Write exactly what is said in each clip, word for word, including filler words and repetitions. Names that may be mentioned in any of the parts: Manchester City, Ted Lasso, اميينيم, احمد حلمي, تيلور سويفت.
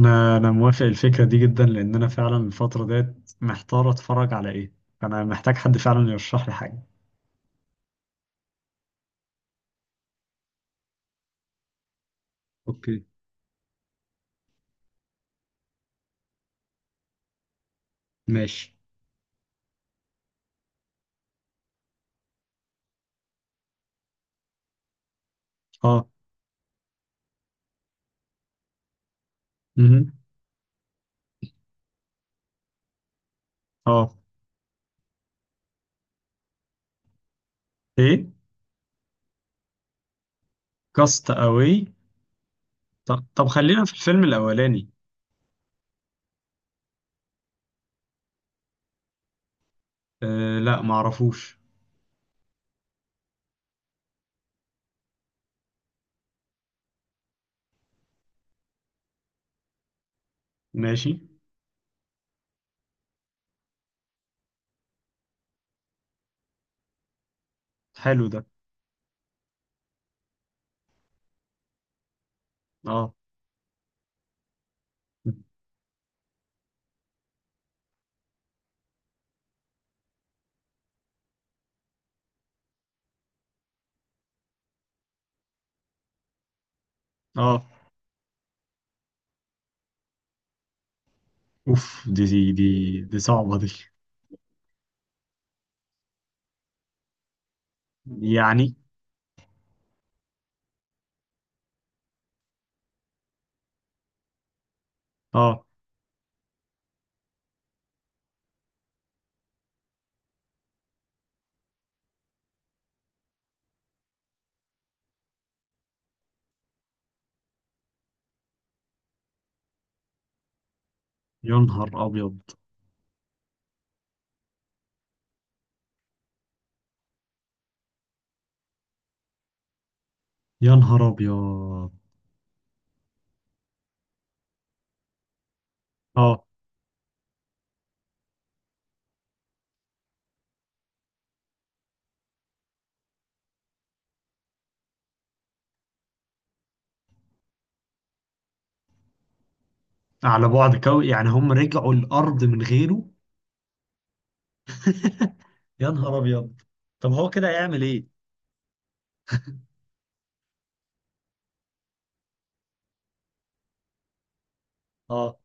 انا انا موافق الفكره دي جدا لان انا فعلا الفتره ديت محتار اتفرج على ايه. انا محتاج حد فعلا يرشح لي حاجه. اوكي. ماشي. اه. امم اه. ايه. كاست اواي. طب طب خلينا في الفيلم الاولاني. آه لا معرفوش. ماشي. حلو ده. اه. اه. اوف. دي دي دي, دي صعبه دي. يعني اه. يا نهار ابيض. يا نهار ابيض. اه، على بعد كوي، يعني هم رجعوا الارض من غيره؟ يا نهار ابيض. طب هو كده هيعمل ايه؟ اه.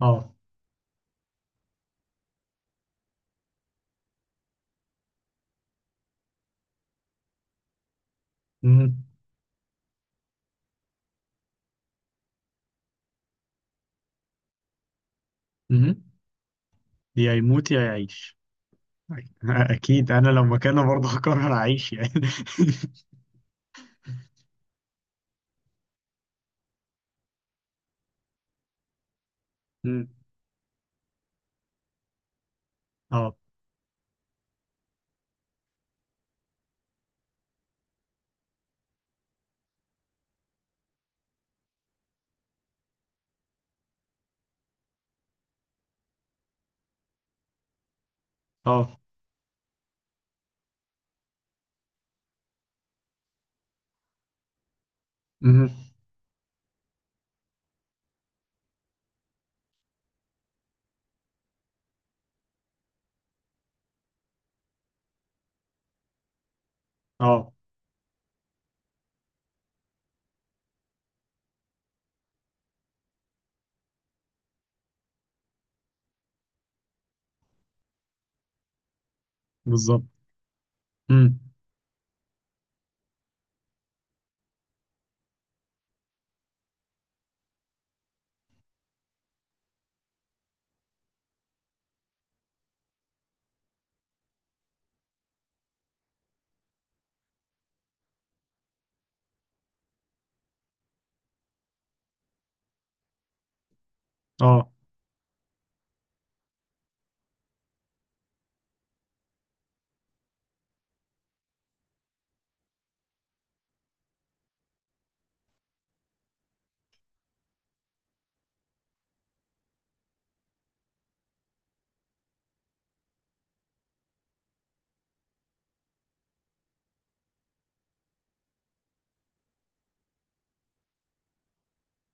اه. امم امم. يا يموت يا يعيش. اكيد انا لو مكانه برضه هقرر اعيش يعني. مم. اه. اه. مم. اه بالظبط. مم. اه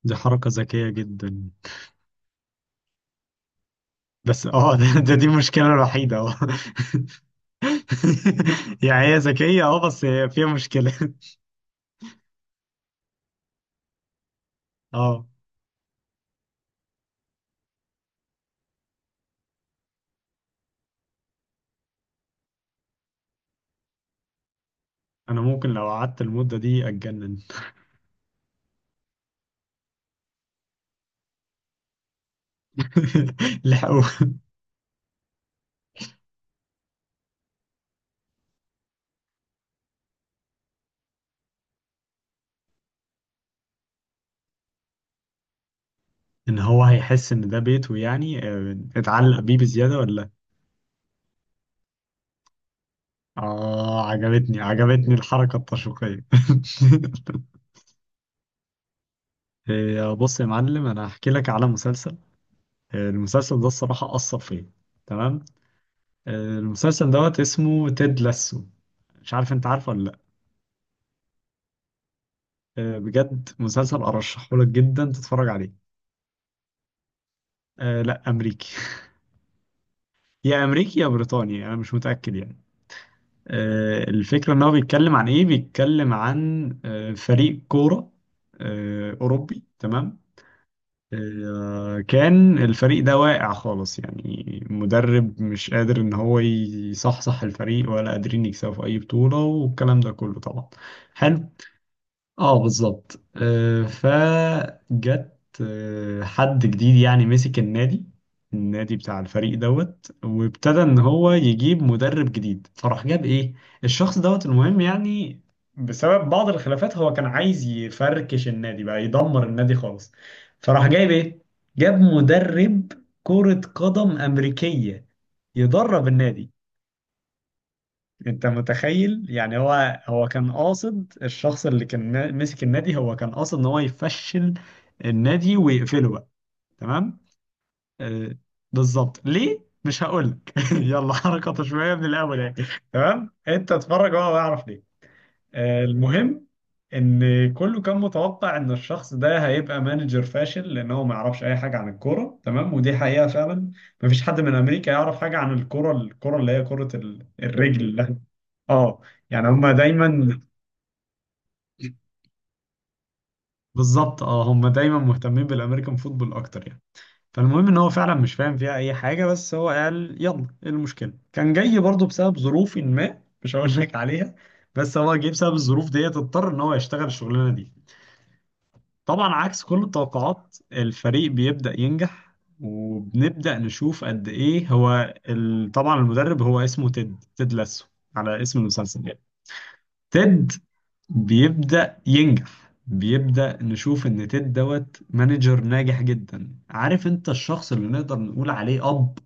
دي حركة ذكية جدا. بس اه ده, ده دي المشكلة الوحيدة اه. يعني هي ذكية اه بس هي فيها مشكلة. اه. انا ممكن لو قعدت المدة دي اتجنن. لحقوا. ان هو هيحس ان ده بيته يعني، آه، اتعلق بيه بزيادة ولا؟ اه، عجبتني عجبتني الحركة التشويقية. آه، بص يا معلم انا هحكي لك على مسلسل. آه، المسلسل ده الصراحة أثر فيا. تمام. آه، المسلسل دوت اسمه تيد لاسو. مش عارف انت عارفه ولا لا؟ آه، بجد مسلسل ارشحه لك جدا تتفرج عليه. آه، لا امريكي. يا امريكي يا بريطاني انا مش متأكد يعني. آه، الفكرة إن هو بيتكلم عن إيه؟ بيتكلم عن آه، فريق كورة آه، أوروبي، تمام؟ آه، كان الفريق ده واقع خالص، يعني مدرب مش قادر إن هو يصحصح الفريق ولا قادرين يكسبوا في أي بطولة والكلام ده كله طبعا. حلو. اه بالظبط. آه، فجت آه، حد جديد يعني مسك النادي. النادي بتاع الفريق دوت، وابتدى ان هو يجيب مدرب جديد فراح جاب ايه، الشخص دوت. المهم يعني، بسبب بعض الخلافات هو كان عايز يفركش النادي بقى، يدمر النادي خالص. فراح جايب ايه، جاب مدرب كرة قدم أمريكية يدرب النادي. انت متخيل؟ يعني هو هو كان قاصد، الشخص اللي كان نا- مسك النادي هو كان قاصد ان هو يفشل النادي ويقفله بقى. تمام. آه بالظبط. ليه مش هقول لك. يلا حركة شوية من الاول يعني. تمام انت اتفرج هو هيعرف ليه. آه المهم، ان كله كان متوقع ان الشخص ده هيبقى مانجر فاشل لان هو ما يعرفش اي حاجة عن الكورة، تمام؟ ودي حقيقة فعلا. مفيش حد من امريكا يعرف حاجه عن الكره، الكره اللي هي كره ال- الرجل. اه. يعني هم دايما، بالظبط اه هم دايما مهتمين بالامريكان فوتبول اكتر يعني. فالمهم ان هو فعلا مش فاهم فيها اي حاجه، بس هو قال يلا ايه المشكله. كان جاي برضه بسبب ظروف ما، مش هقول لك عليها، بس هو جه بسبب الظروف ديت، اضطر ان هو يشتغل الشغلانه دي. طبعا عكس كل التوقعات الفريق بيبدا ينجح، وبنبدا نشوف قد ايه هو ال... طبعا المدرب هو اسمه تيد، تيد لاسو، على اسم المسلسل يعني. تيد بيبدأ ينجح، بيبدأ نشوف ان تيد دوت مانجر ناجح جدا. عارف انت، الشخص اللي نقدر نقول عليه اب.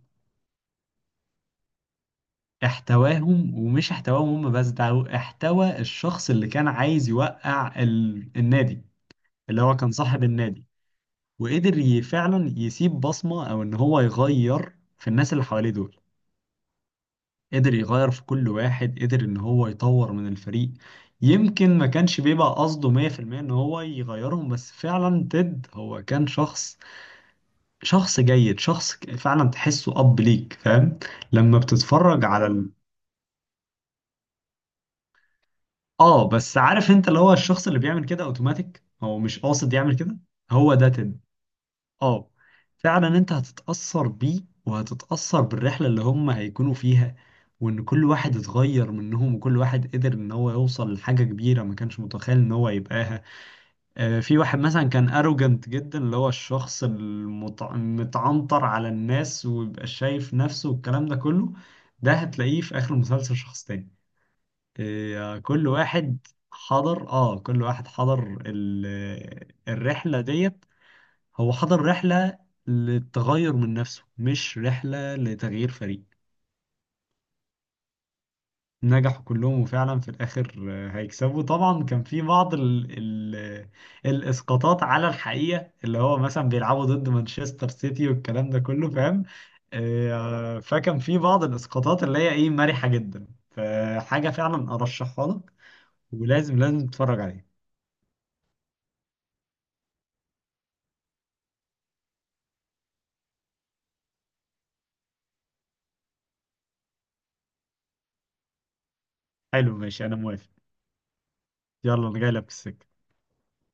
احتواهم، ومش احتواهم هم بس، ده هو احتوى الشخص اللي كان عايز يوقع ال... النادي، اللي هو كان صاحب النادي. وقدر ي- فعلا يسيب بصمة او ان هو يغير في الناس اللي حواليه دول. قدر يغير في كل واحد، قدر ان هو يطور من الفريق. يمكن ما كانش بيبقى قصده مية في المية ان هو يغيرهم، بس فعلا تيد هو كان شخص، شخص جيد، شخص ك- فعلا تحسه اب ليك، فاهم؟ لما بتتفرج على ال... اه بس عارف انت، اللي هو الشخص اللي بيعمل كده اوتوماتيك هو مش قاصد يعمل كده. هو ده تيد. اه. فعلا انت هتتأثر بيه، وهتتأثر بالرحلة اللي هم هيكونوا فيها، وان كل واحد اتغير منهم، وكل واحد قدر ان هو يوصل لحاجة كبيرة ما كانش متخيل ان هو يبقاها. آه، في واحد مثلا كان اروجنت جدا، اللي هو الشخص المت- المتعنطر على الناس ويبقى شايف نفسه والكلام ده كله. ده هتلاقيه في اخر المسلسل شخص تاني. آه، كل واحد حضر، اه كل واحد حضر ال- الرحلة ديت. هو حضر رحلة للتغير من نفسه، مش رحلة لتغيير فريق. نجحوا كلهم، وفعلا في الآخر آه، هيكسبوا. طبعا كان في بعض ال ال الإسقاطات على الحقيقة، اللي هو مثلا بيلعبوا ضد مانشستر سيتي والكلام ده كله، فاهم؟ آه، فكان في بعض الإسقاطات اللي هي إيه مرحة جدا، فحاجة فعلا أرشحها لك، ولازم لازم تتفرج عليها. حلو ماشي أنا موافق. يلا أنا جاي لك في السكة